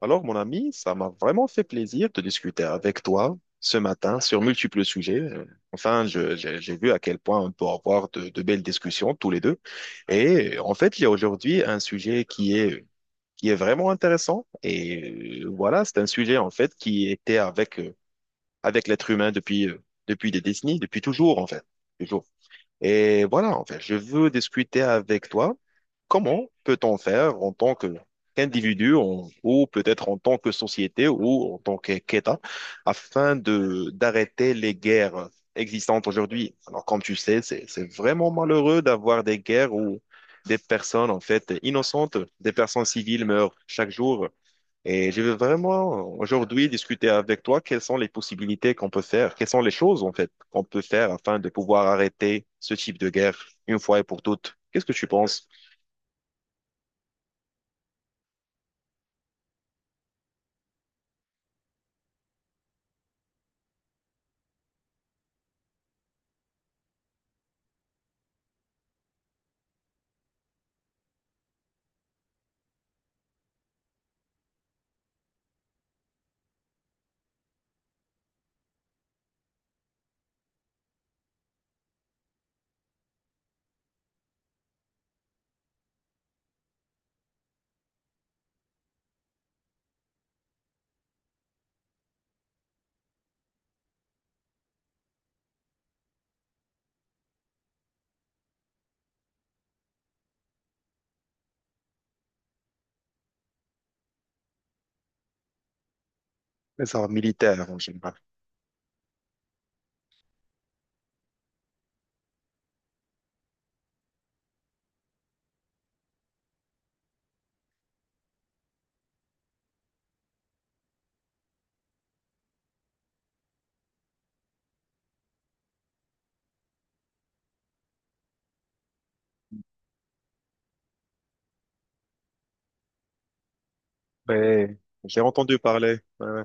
Alors, mon ami, ça m'a vraiment fait plaisir de discuter avec toi ce matin sur multiples sujets. Enfin, j'ai vu à quel point on peut avoir de belles discussions tous les deux. Et il y a aujourd'hui un sujet qui est vraiment intéressant. Et c'est un sujet en fait qui était avec l'être humain depuis des décennies, depuis toujours en fait, toujours. Et voilà, en fait, je veux discuter avec toi comment peut-on faire en tant que qu'individu en- ou peut-être en tant que société ou en tant que- qu'État afin de d'arrêter les guerres existantes aujourd'hui. Alors, comme tu sais, c'est vraiment malheureux d'avoir des guerres où des personnes en fait innocentes, des personnes civiles meurent chaque jour. Et je veux vraiment aujourd'hui discuter avec toi quelles sont les possibilités qu'on peut faire, quelles sont les choses en fait qu'on peut faire afin de pouvoir arrêter ce type de guerre une fois et pour toutes. Qu'est-ce que tu penses? Les armes militaires en général. Ouais, j'ai entendu parler. Ouais, ouais.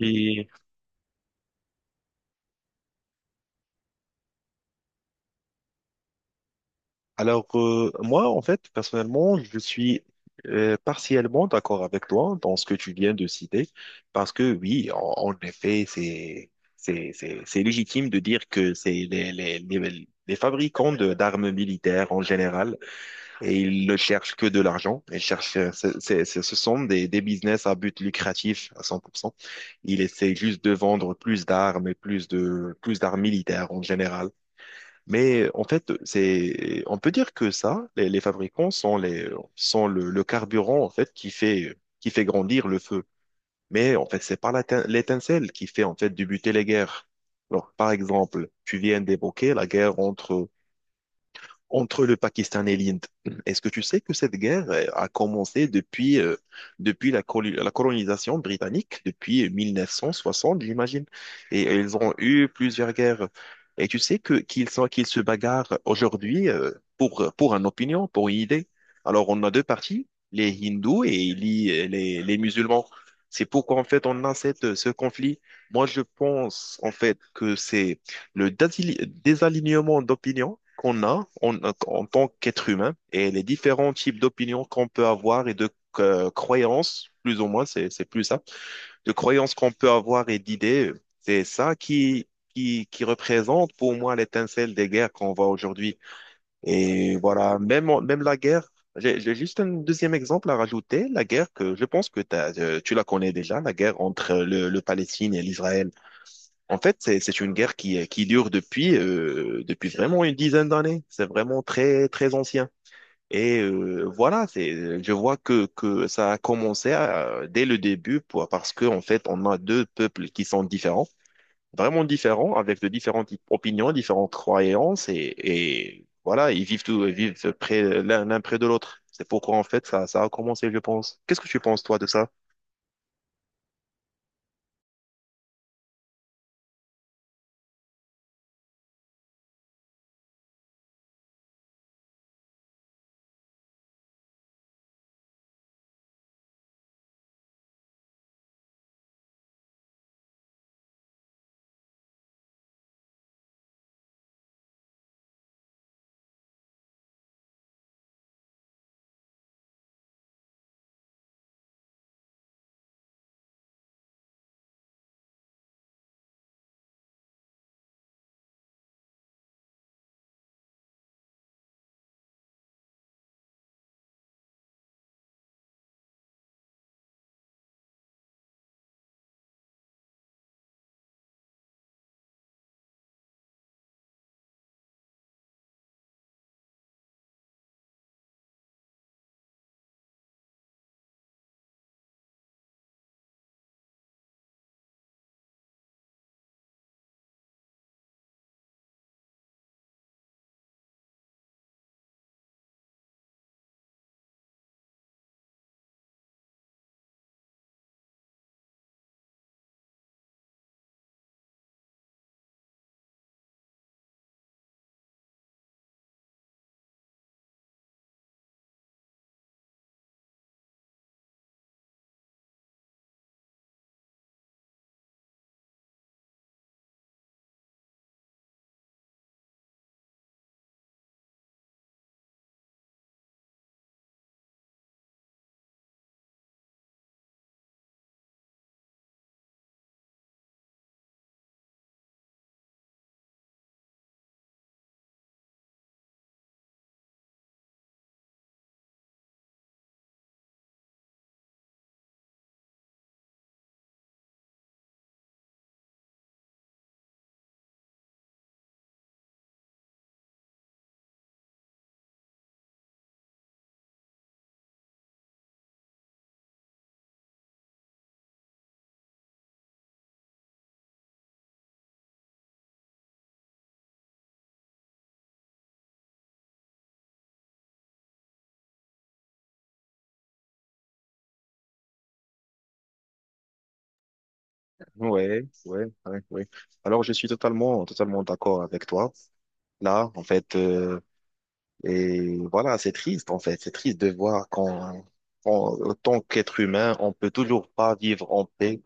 Et alors, moi, en fait, personnellement, je suis partiellement d'accord avec toi dans ce que tu viens de citer, parce que oui, en effet, c'est légitime de dire que c'est les fabricants de d'armes militaires en général et ils ne cherchent que de l'argent. Ils cherchent, ce sont des business à but lucratif à 100%. Ils essaient juste de vendre plus d'armes et plus d'armes militaires en général. Mais en fait, c'est, on peut dire que ça, les fabricants sont le carburant, en fait, qui fait grandir le feu. Mais en fait, c'est pas l'étincelle qui fait, en fait, débuter les guerres. Alors, par exemple, tu viens d'évoquer la guerre entre le Pakistan et l'Inde. Est-ce que tu sais que cette guerre a commencé depuis la colonisation britannique, depuis 1960, j'imagine, et ils ont eu plusieurs guerres. Et tu sais qu'ils se bagarrent aujourd'hui pour une opinion, pour une idée. Alors on a deux parties, les hindous et les musulmans. C'est pourquoi en fait on a ce conflit. Moi je pense en fait que c'est le désalignement d'opinion qu'on a en tant qu'être humain et les différents types d'opinions qu'on peut avoir et de croyances, plus ou moins, c'est plus ça, de croyances qu'on peut avoir et d'idées, c'est ça qui représente pour moi l'étincelle des guerres qu'on voit aujourd'hui. Et voilà, même la guerre, j'ai juste un deuxième exemple à rajouter, la guerre que je pense que tu la connais déjà, la guerre entre le Palestine et l'Israël. En fait, c'est une guerre qui dure depuis vraiment une dizaine d'années. C'est vraiment très, très ancien. Je vois que ça a commencé dès le début pour, parce que en fait, on a deux peuples qui sont différents, vraiment différents, avec de différentes opinions, différentes croyances. Et voilà, ils vivent près, l'un près de l'autre. C'est pourquoi en fait, ça a commencé, je pense. Qu'est-ce que tu penses, toi, de ça? Ouais, ouais, ouais, ouais. Alors, je suis totalement, totalement d'accord avec toi là, en fait. Et voilà, c'est triste, en fait. C'est triste de voir tant qu'être humain, on peut toujours pas vivre en paix.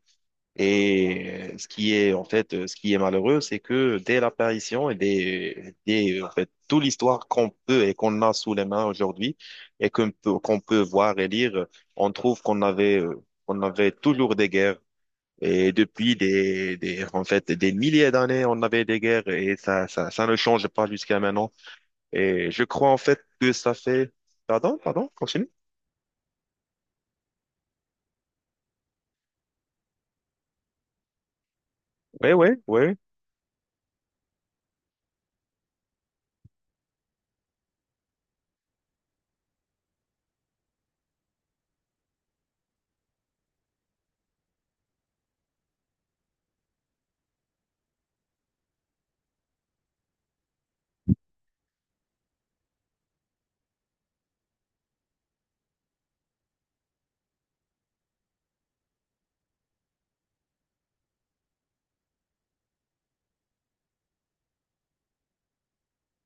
Et ce qui est, en fait, ce qui est malheureux, c'est que dès l'apparition et des, en fait, toute l'histoire qu'on peut et qu'on a sous les mains aujourd'hui et qu'on peut voir et lire, on trouve qu'on avait toujours des guerres. Et depuis des milliers d'années, on avait des guerres et ça ne change pas jusqu'à maintenant. Et je crois en fait que ça fait... Pardon, pardon, continue. Oui, oui, oui,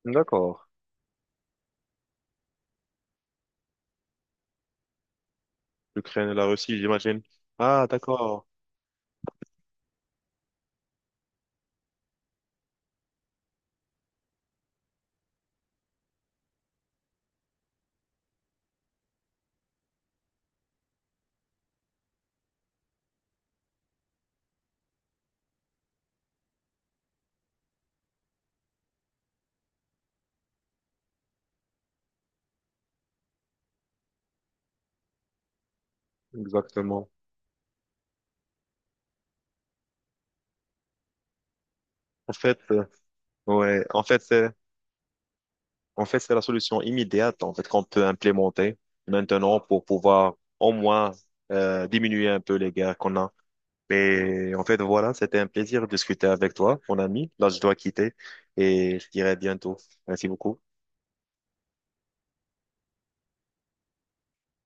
d'accord. L'Ukraine et la Russie, j'imagine. Ah, d'accord, exactement. En fait, euh, ouais, en fait, c'est, En fait, c'est la solution immédiate, en fait, qu'on peut implémenter maintenant pour pouvoir au moins diminuer un peu les guerres qu'on a. Mais en fait, voilà, c'était un plaisir de discuter avec toi, mon ami. Là, je dois quitter et je dirai à bientôt. Merci beaucoup.